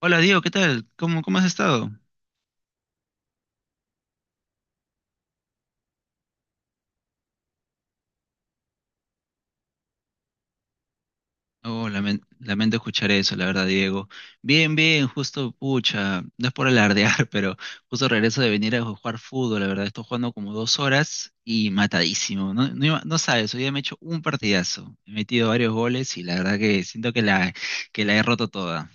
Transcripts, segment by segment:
Hola Diego, ¿qué tal? ¿Cómo has estado? Oh, lamento escuchar eso, la verdad, Diego. Bien, bien, justo, pucha, no es por alardear, pero justo regreso de venir a jugar fútbol, la verdad, estoy jugando como 2 horas y matadísimo. No, no, no sabes, hoy día me he hecho un partidazo. He metido varios goles y la verdad que siento que la he roto toda.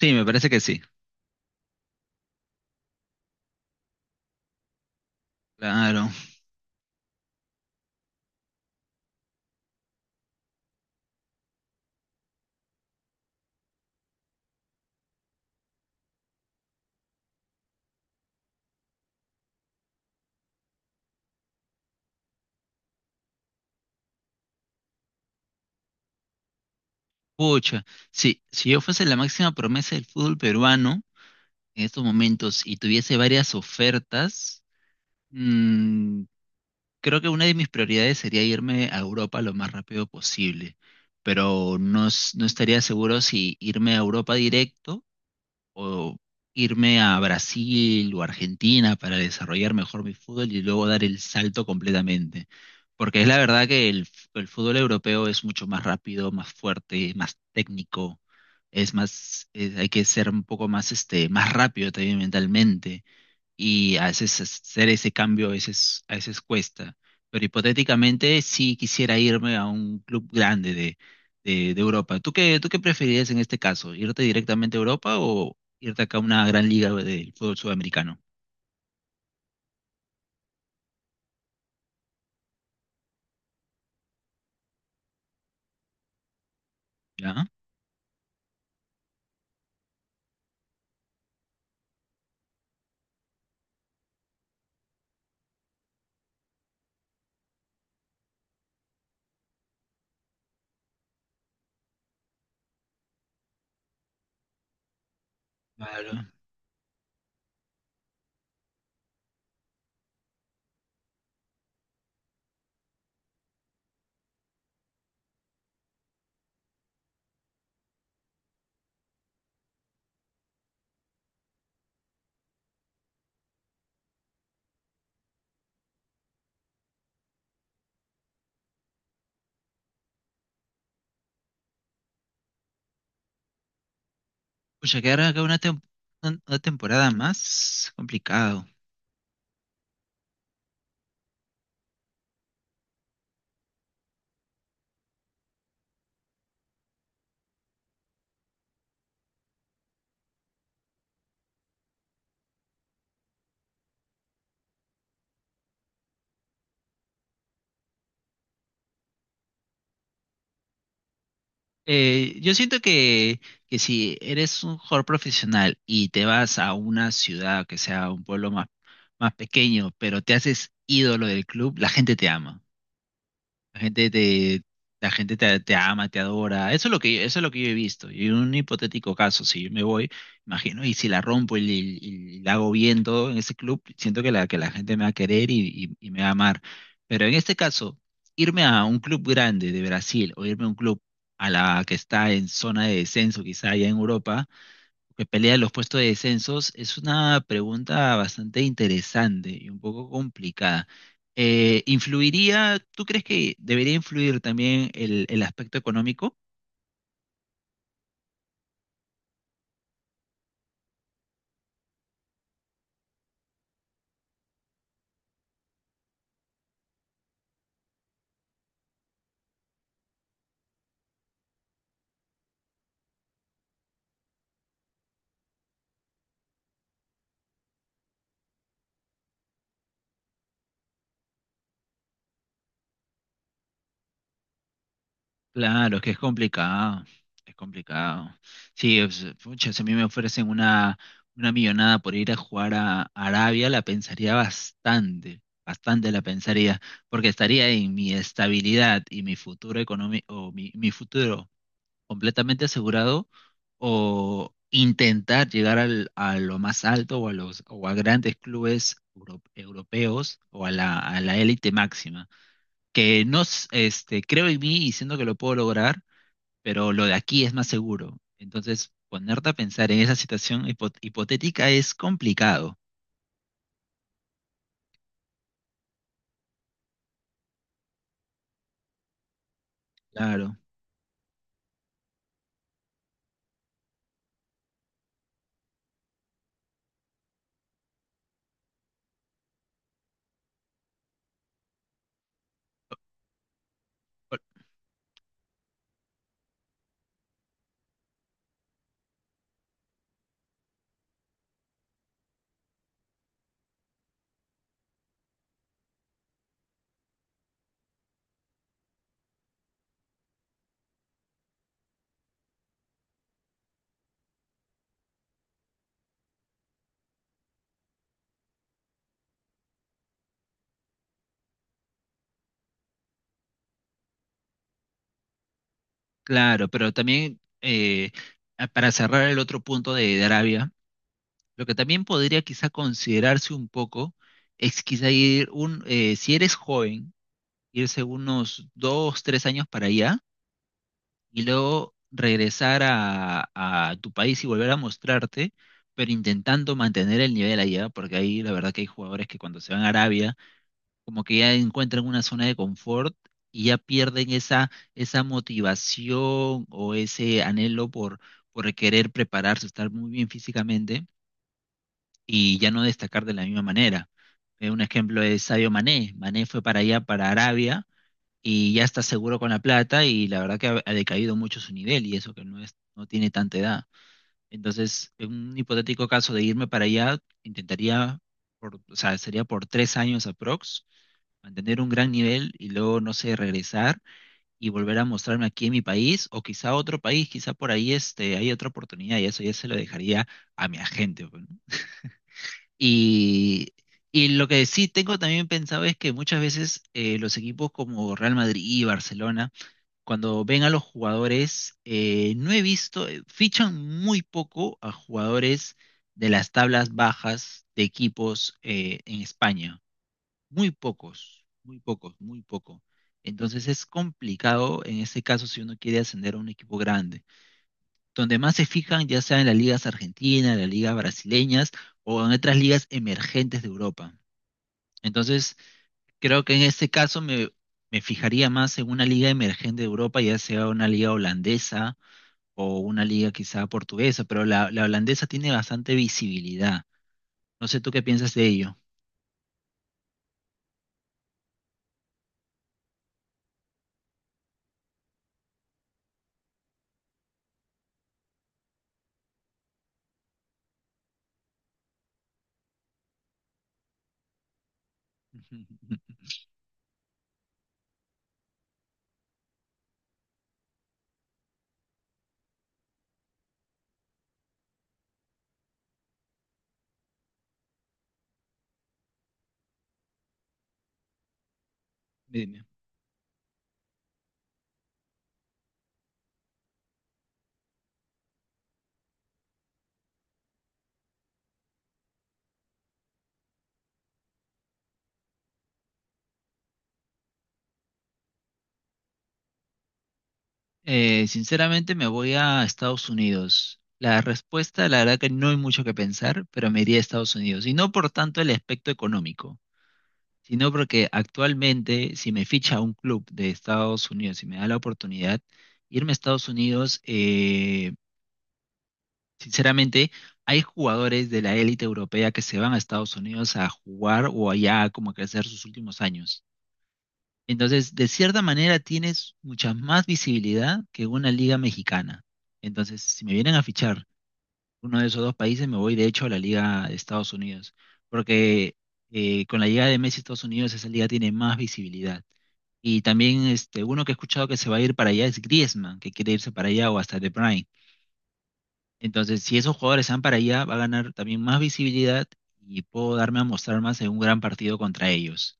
Sí, me parece que sí. Claro. Pucha, si yo fuese la máxima promesa del fútbol peruano en estos momentos y tuviese varias ofertas. mm, Creo que una de mis prioridades sería irme a Europa lo más rápido posible, pero no, no estaría seguro si irme a Europa directo o irme a Brasil o Argentina para desarrollar mejor mi fútbol y luego dar el salto completamente. Porque es la verdad que el fútbol europeo es mucho más rápido, más fuerte, más técnico, es hay que ser un poco más, este, más rápido también mentalmente y a veces hacer ese cambio a veces cuesta. Pero hipotéticamente sí quisiera irme a un club grande de Europa. ¿Tú qué preferirías en este caso? ¿Irte directamente a Europa o irte acá a una gran liga del fútbol sudamericano? ¿Ya? Claro. Pucha, quedar acá una temporada más complicado. Yo siento que si eres un jugador profesional y te vas a una ciudad que sea un pueblo más, más pequeño, pero te haces ídolo del club, la gente te ama. La gente te ama, te adora. Eso es lo eso es lo que yo he visto. Y en un hipotético caso, si yo me voy, imagino, y si la rompo y la hago bien todo en ese club, siento que la gente me va a querer y me va a amar. Pero en este caso, irme a un club grande de Brasil o irme a un club a la que está en zona de descenso, quizá allá en Europa que pelea los puestos de descensos, es una pregunta bastante interesante y un poco complicada. ¿Influiría, tú crees que debería influir también el aspecto económico? Claro, es que es complicado, es complicado. Sí, pucha, si a mí me ofrecen una millonada por ir a jugar a Arabia, la pensaría bastante, bastante la pensaría, porque estaría en mi estabilidad y mi futuro económico, o mi futuro completamente asegurado o intentar llegar a lo más alto o a los o a grandes clubes europeos o a a la élite máxima. Que no, este, creo en mí y siento que lo puedo lograr, pero lo de aquí es más seguro. Entonces, ponerte a pensar en esa situación hipotética es complicado. Claro. Por- claro, pero también para cerrar el otro punto de Arabia. Lo que también podría quizá considerarse un poco es quizá ir un, si eres joven, irse unos dos, 3 años para allá y luego regresar a tu país y volver a mostrarte, pero intentando mantener el nivel allá, porque ahí la verdad que hay jugadores que cuando se van a Arabia, como que ya encuentran una zona de confort y ya pierden esa motivación o ese anhelo por querer prepararse, estar muy bien físicamente y ya no destacar de la misma manera. Un ejemplo es Sadio Mané. Mané fue para allá, para Arabia, y ya está seguro con la plata y la verdad que ha decaído mucho su nivel y eso que no es, no tiene tanta edad. Entonces, en un hipotético caso de irme para allá, intentaría, por, o sea, sería por 3 años aprox, mantener un gran nivel y luego, no sé, regresar y volver a mostrarme aquí en mi país o quizá otro país, quizá por ahí este, hay otra oportunidad y eso ya se lo dejaría a mi agente. Pues, ¿no? Y, y lo que sí tengo también pensado es que muchas veces los equipos como Real Madrid y Barcelona, cuando ven a los jugadores, no he visto, fichan muy poco a jugadores de las tablas bajas de equipos en España. Muy pocos, muy pocos, muy poco. Entonces es complicado en ese caso si uno quiere ascender a un equipo grande donde más se fijan ya sea en las ligas argentinas, las ligas brasileñas o en otras ligas emergentes de Europa. Entonces, creo que en este caso me, me fijaría más en una liga emergente de Europa, ya sea una liga holandesa o una liga quizá portuguesa, pero la holandesa tiene bastante visibilidad. No sé tú qué piensas de ello. Dime. Sinceramente me voy a Estados Unidos. La respuesta, la verdad que no hay mucho que pensar, pero me iría a Estados Unidos. Y no por tanto el aspecto económico. Sino porque actualmente si me ficha un club de Estados Unidos y me da la oportunidad, irme a Estados Unidos, sinceramente, hay jugadores de la élite europea que se van a Estados Unidos a jugar o allá como a crecer sus últimos años. Entonces, de cierta manera, tienes mucha más visibilidad que una liga mexicana. Entonces, si me vienen a fichar uno de esos dos países, me voy de hecho a la Liga de Estados Unidos, porque con la llegada de Messi a Estados Unidos esa liga tiene más visibilidad. Y también este, uno que he escuchado que se va a ir para allá es Griezmann, que quiere irse para allá o hasta De Bruyne. Entonces, si esos jugadores se van para allá, va a ganar también más visibilidad y puedo darme a mostrar más en un gran partido contra ellos.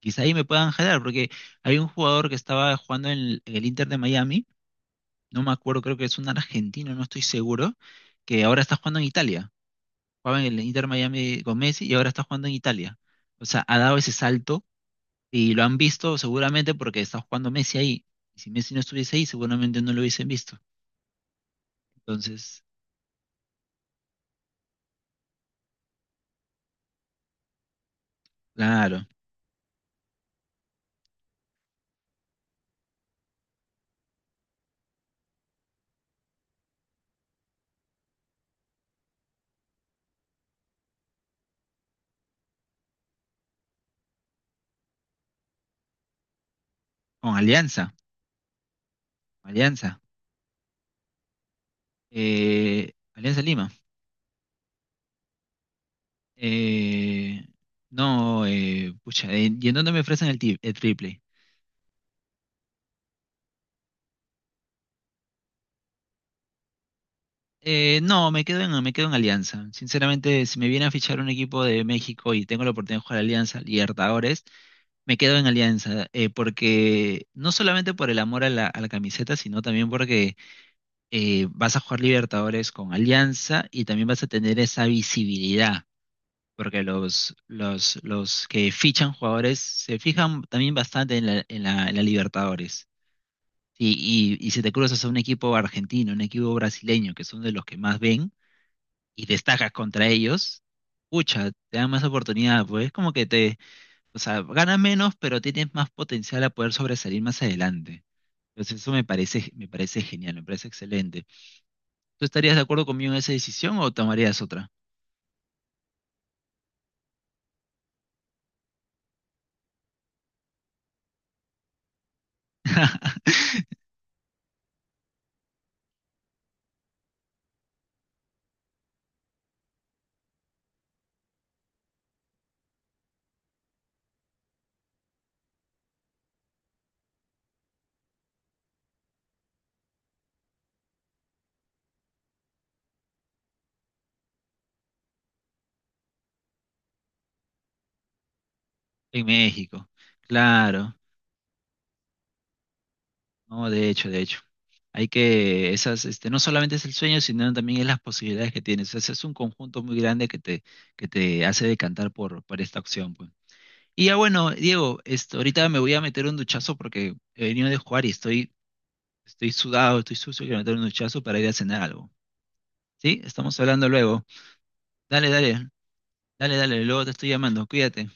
Quizá ahí me puedan jalar, porque hay un jugador que estaba jugando en el Inter de Miami, no me acuerdo, creo que es un argentino, no estoy seguro, que ahora está jugando en Italia, jugaba en el Inter Miami con Messi y ahora está jugando en Italia. O sea, ha dado ese salto y lo han visto seguramente porque está jugando Messi ahí. Y si Messi no estuviese ahí, seguramente no lo hubiesen visto. Entonces, claro, con Alianza, Alianza, Alianza Lima. Eh, no, pucha, ¿y en dónde me ofrecen el triple? No, me quedo en Alianza. Sinceramente, si me viene a fichar un equipo de México y tengo la oportunidad de jugar a Alianza Libertadores, me quedo en Alianza, porque no solamente por el amor a a la camiseta, sino también porque vas a jugar Libertadores con Alianza y también vas a tener esa visibilidad, porque los que fichan jugadores se fijan también bastante en en la Libertadores. Y si te cruzas a un equipo argentino, un equipo brasileño, que son de los que más ven, y destacas contra ellos, pucha, te dan más oportunidad, pues es como que te, o sea, gana menos, pero tienes más potencial a poder sobresalir más adelante. Entonces eso me parece genial, me parece excelente. ¿Tú estarías de acuerdo conmigo en esa decisión o tomarías otra? En México, claro. No, de hecho, de hecho. Hay que, esas, este, no solamente es el sueño, sino también es las posibilidades que tienes. O sea, es un conjunto muy grande que te hace decantar por esta opción, pues. Y ya bueno, Diego, esto, ahorita me voy a meter un duchazo porque he venido de jugar y estoy, estoy sudado, estoy sucio, quiero meter un duchazo para ir a cenar algo. ¿Sí? Estamos hablando luego. Dale, dale, dale, dale, luego te estoy llamando, cuídate.